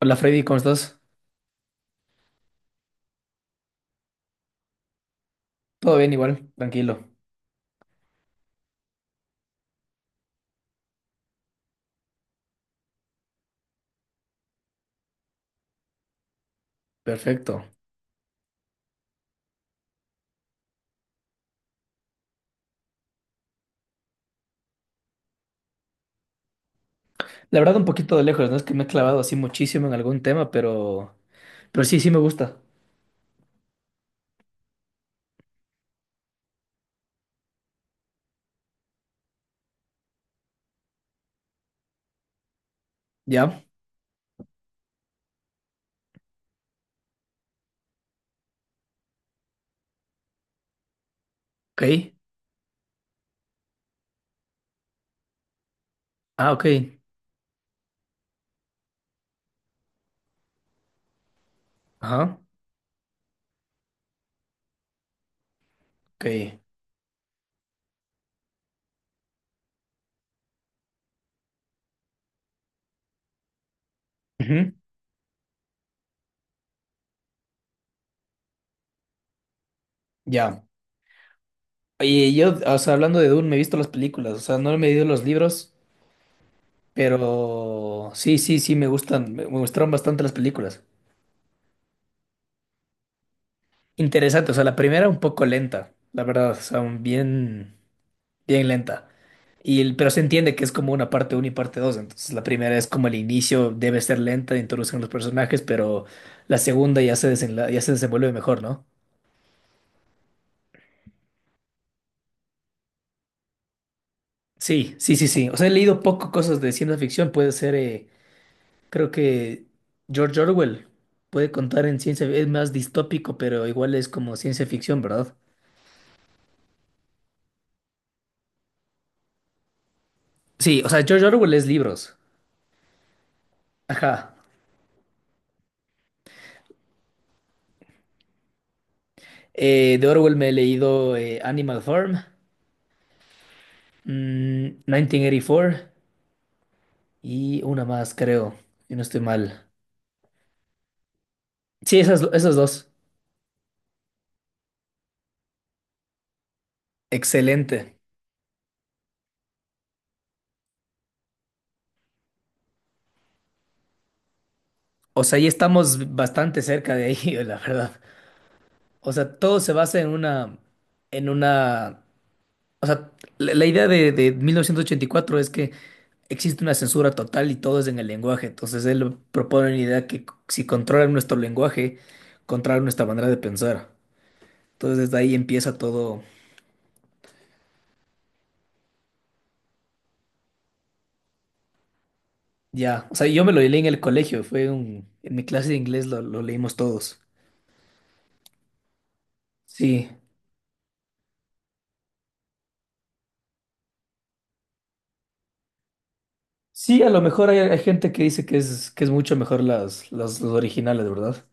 Hola Freddy, ¿cómo estás? Todo bien igual, tranquilo. Perfecto. La verdad un poquito de lejos, no es que me he clavado así muchísimo en algún tema, pero pero sí, me gusta. Ya, ok. Ah, ok. Ajá, ok. Ujú, ya. Oye, yo, o sea, hablando de Dune, me he visto las películas, o sea, no me he leído los libros, pero sí, sí, sí me gustan, me gustaron bastante las películas. Interesante, o sea, la primera un poco lenta, la verdad, o sea, un bien lenta. Pero se entiende que es como una parte uno y parte dos. Entonces la primera es como el inicio, debe ser lenta, introducen los personajes, pero la segunda ya se desenvuelve mejor, ¿no? Sí, sí, sí, sí. O sea, he leído poco cosas de ciencia ficción. Puede ser, creo que George Orwell puede contar en ciencia, es más distópico, pero igual es como ciencia ficción, ¿verdad? Sí, o sea, George Orwell es libros. Ajá. De Orwell me he leído Animal Farm, mm, 1984. Y una más, creo, si no estoy mal. Sí, esas dos. Excelente. O sea, ahí estamos bastante cerca de ahí, la verdad. O sea, todo se basa en una, o sea, la idea de 1984 es que existe una censura total y todo es en el lenguaje. Entonces él propone una idea si controlan nuestro lenguaje, controlan nuestra manera de pensar. Entonces desde ahí empieza todo ya. O sea, yo me lo leí en el colegio, fue un, en mi clase de inglés lo leímos todos. Sí, sí, a lo mejor hay, hay gente que dice que es mucho mejor las originales, ¿verdad?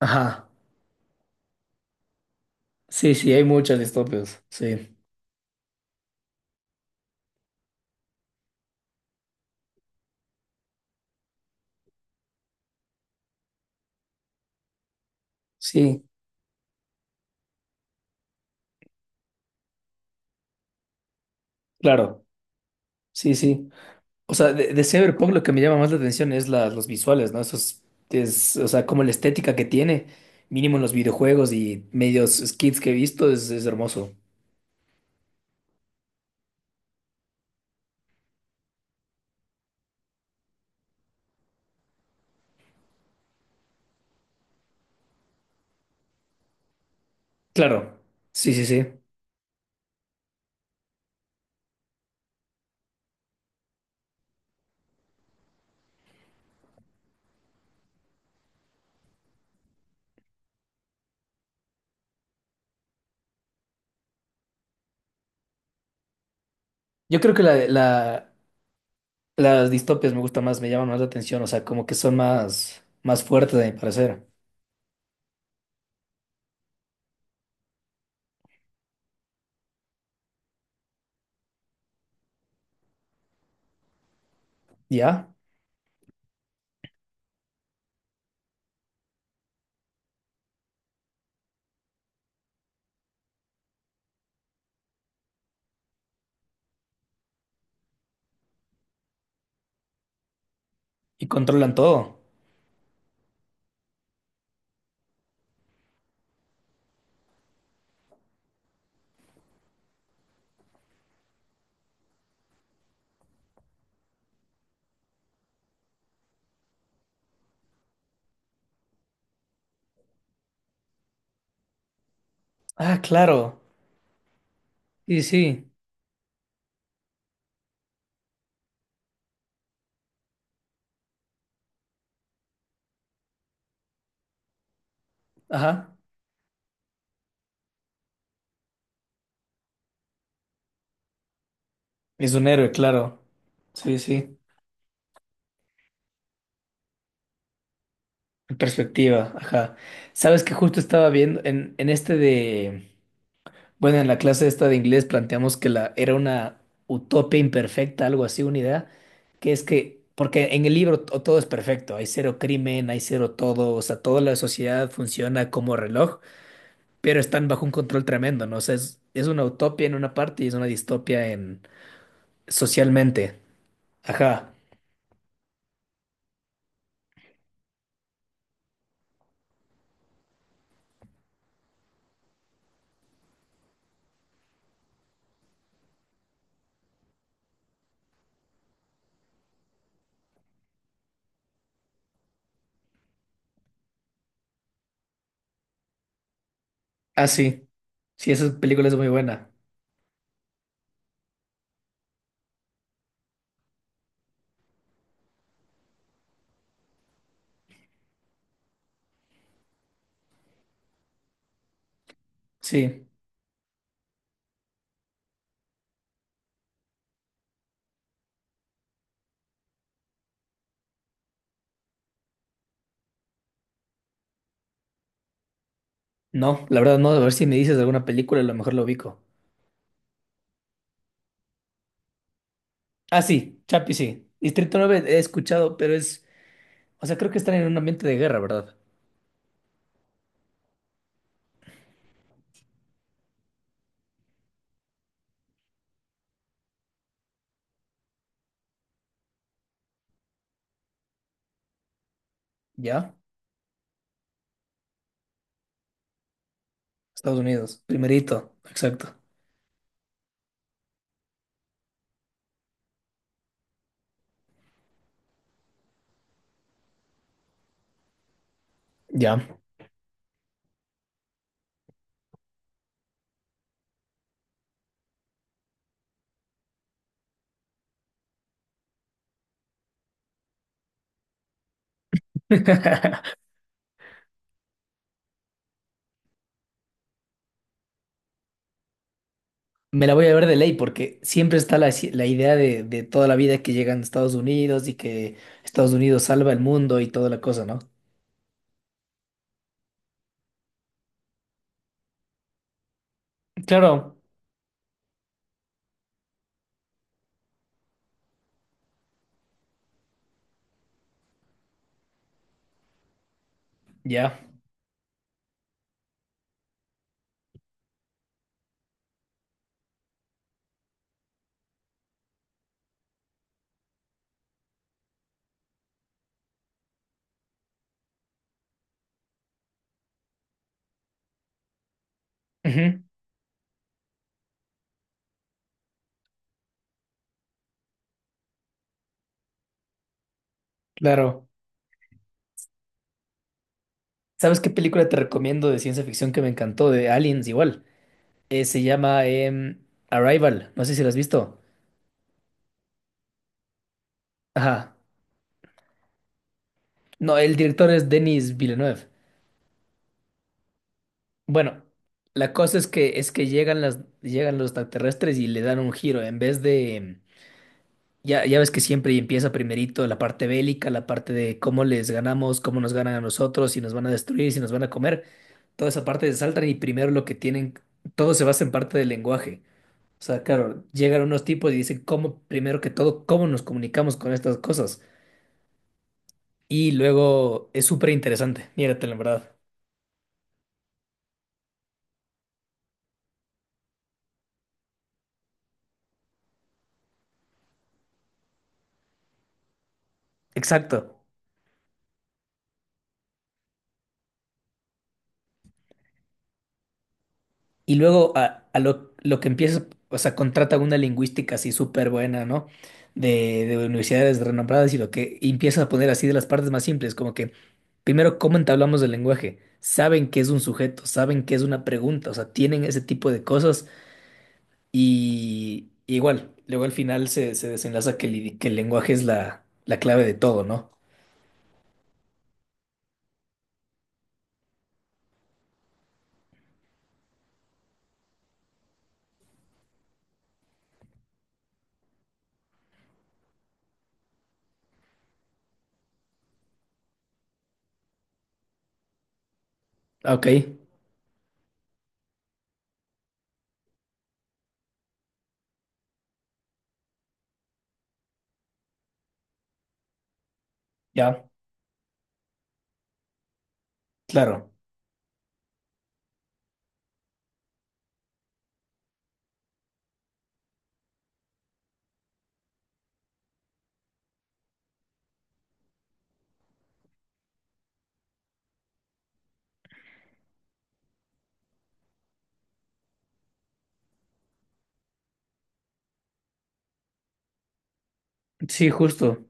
Ajá, sí, sí, hay muchas distopias, sí, sí, claro, sí, sí. O sea, de Cyberpunk lo que me llama más la atención es los visuales, ¿no? Esos, es, o sea, como la estética que tiene, mínimo en los videojuegos y medios skits que he visto, es hermoso. Claro, sí, sí, sí. Yo creo que la, las distopias me gustan más, me llaman más la atención, o sea, como que son más, más fuertes, a mi parecer. Ya, y controlan todo. Ah, claro. Sí, sí. Ajá. Es un héroe, claro. Sí, sí. En perspectiva, ajá. Sabes que justo estaba viendo en este de. Bueno, en la clase esta de inglés planteamos que la, era una utopía imperfecta, algo así, una idea, que es que, porque en el libro todo es perfecto, hay cero crimen, hay cero todo, o sea, toda la sociedad funciona como reloj, pero están bajo un control tremendo, ¿no? O sea, es una utopía en una parte y es una distopia socialmente. Ajá. Ah, sí. Sí, esa película es muy buena. Sí. No, la verdad no. A ver si me dices alguna película, a lo mejor lo ubico. Ah, sí. Chapi, sí. Distrito 9 he escuchado, pero es... O sea, creo que están en un ambiente de guerra, ¿verdad? ¿Ya? Estados Unidos. Primerito. Exacto. Ya. Me la voy a ver de ley porque siempre está la, la idea de toda la vida que llegan a Estados Unidos y que Estados Unidos salva el mundo y toda la cosa, ¿no? Claro, ya. Ujú, claro. ¿Sabes qué película te recomiendo de ciencia ficción que me encantó? De Aliens igual. Se llama Arrival. No sé si la has visto. Ajá. No, el director es Denis Villeneuve. Bueno, la cosa es que llegan los extraterrestres y le dan un giro. En vez de ya, ya ves que siempre empieza primerito la parte bélica, la parte de cómo les ganamos, cómo nos ganan a nosotros, si nos van a destruir, si nos van a comer. Toda esa parte se saltan y primero lo que tienen, todo se basa en parte del lenguaje. O sea, claro, llegan unos tipos y dicen cómo, primero que todo, cómo nos comunicamos con estas cosas. Y luego es súper interesante, mírate la verdad. Exacto. Y luego a lo que empieza, o sea, contrata una lingüística así súper buena, ¿no? De universidades renombradas y lo que y empieza a poner así de las partes más simples, como que primero, ¿cómo entablamos el lenguaje? Saben qué es un sujeto, saben qué es una pregunta, o sea, tienen ese tipo de cosas. Y igual, luego al final se, se desenlaza que, que el lenguaje es la, la clave de todo, ¿no? Ah, ok, ya, claro. Sí, justo,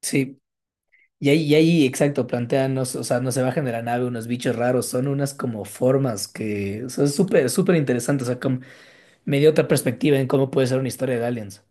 sí. Y ahí, exacto, plantean, o sea, no se bajan de la nave unos bichos raros, son unas como formas que, o sea, es súper, súper interesante, o sea, como, me dio otra perspectiva en cómo puede ser una historia de aliens.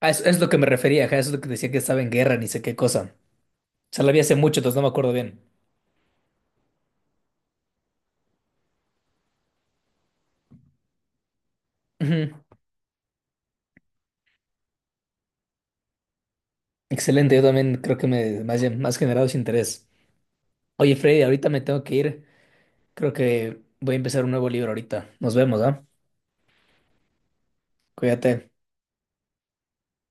Ah, eso es lo que me refería, ajá, eso es lo que decía que estaba en guerra, ni sé qué cosa. O sea, la vi hace mucho, entonces no me acuerdo bien. Ujú. Excelente, yo también creo que me ha, me has generado ese interés. Oye, Freddy, ahorita me tengo que ir. Creo que voy a empezar un nuevo libro ahorita. Nos vemos, ¿ah? Cuídate.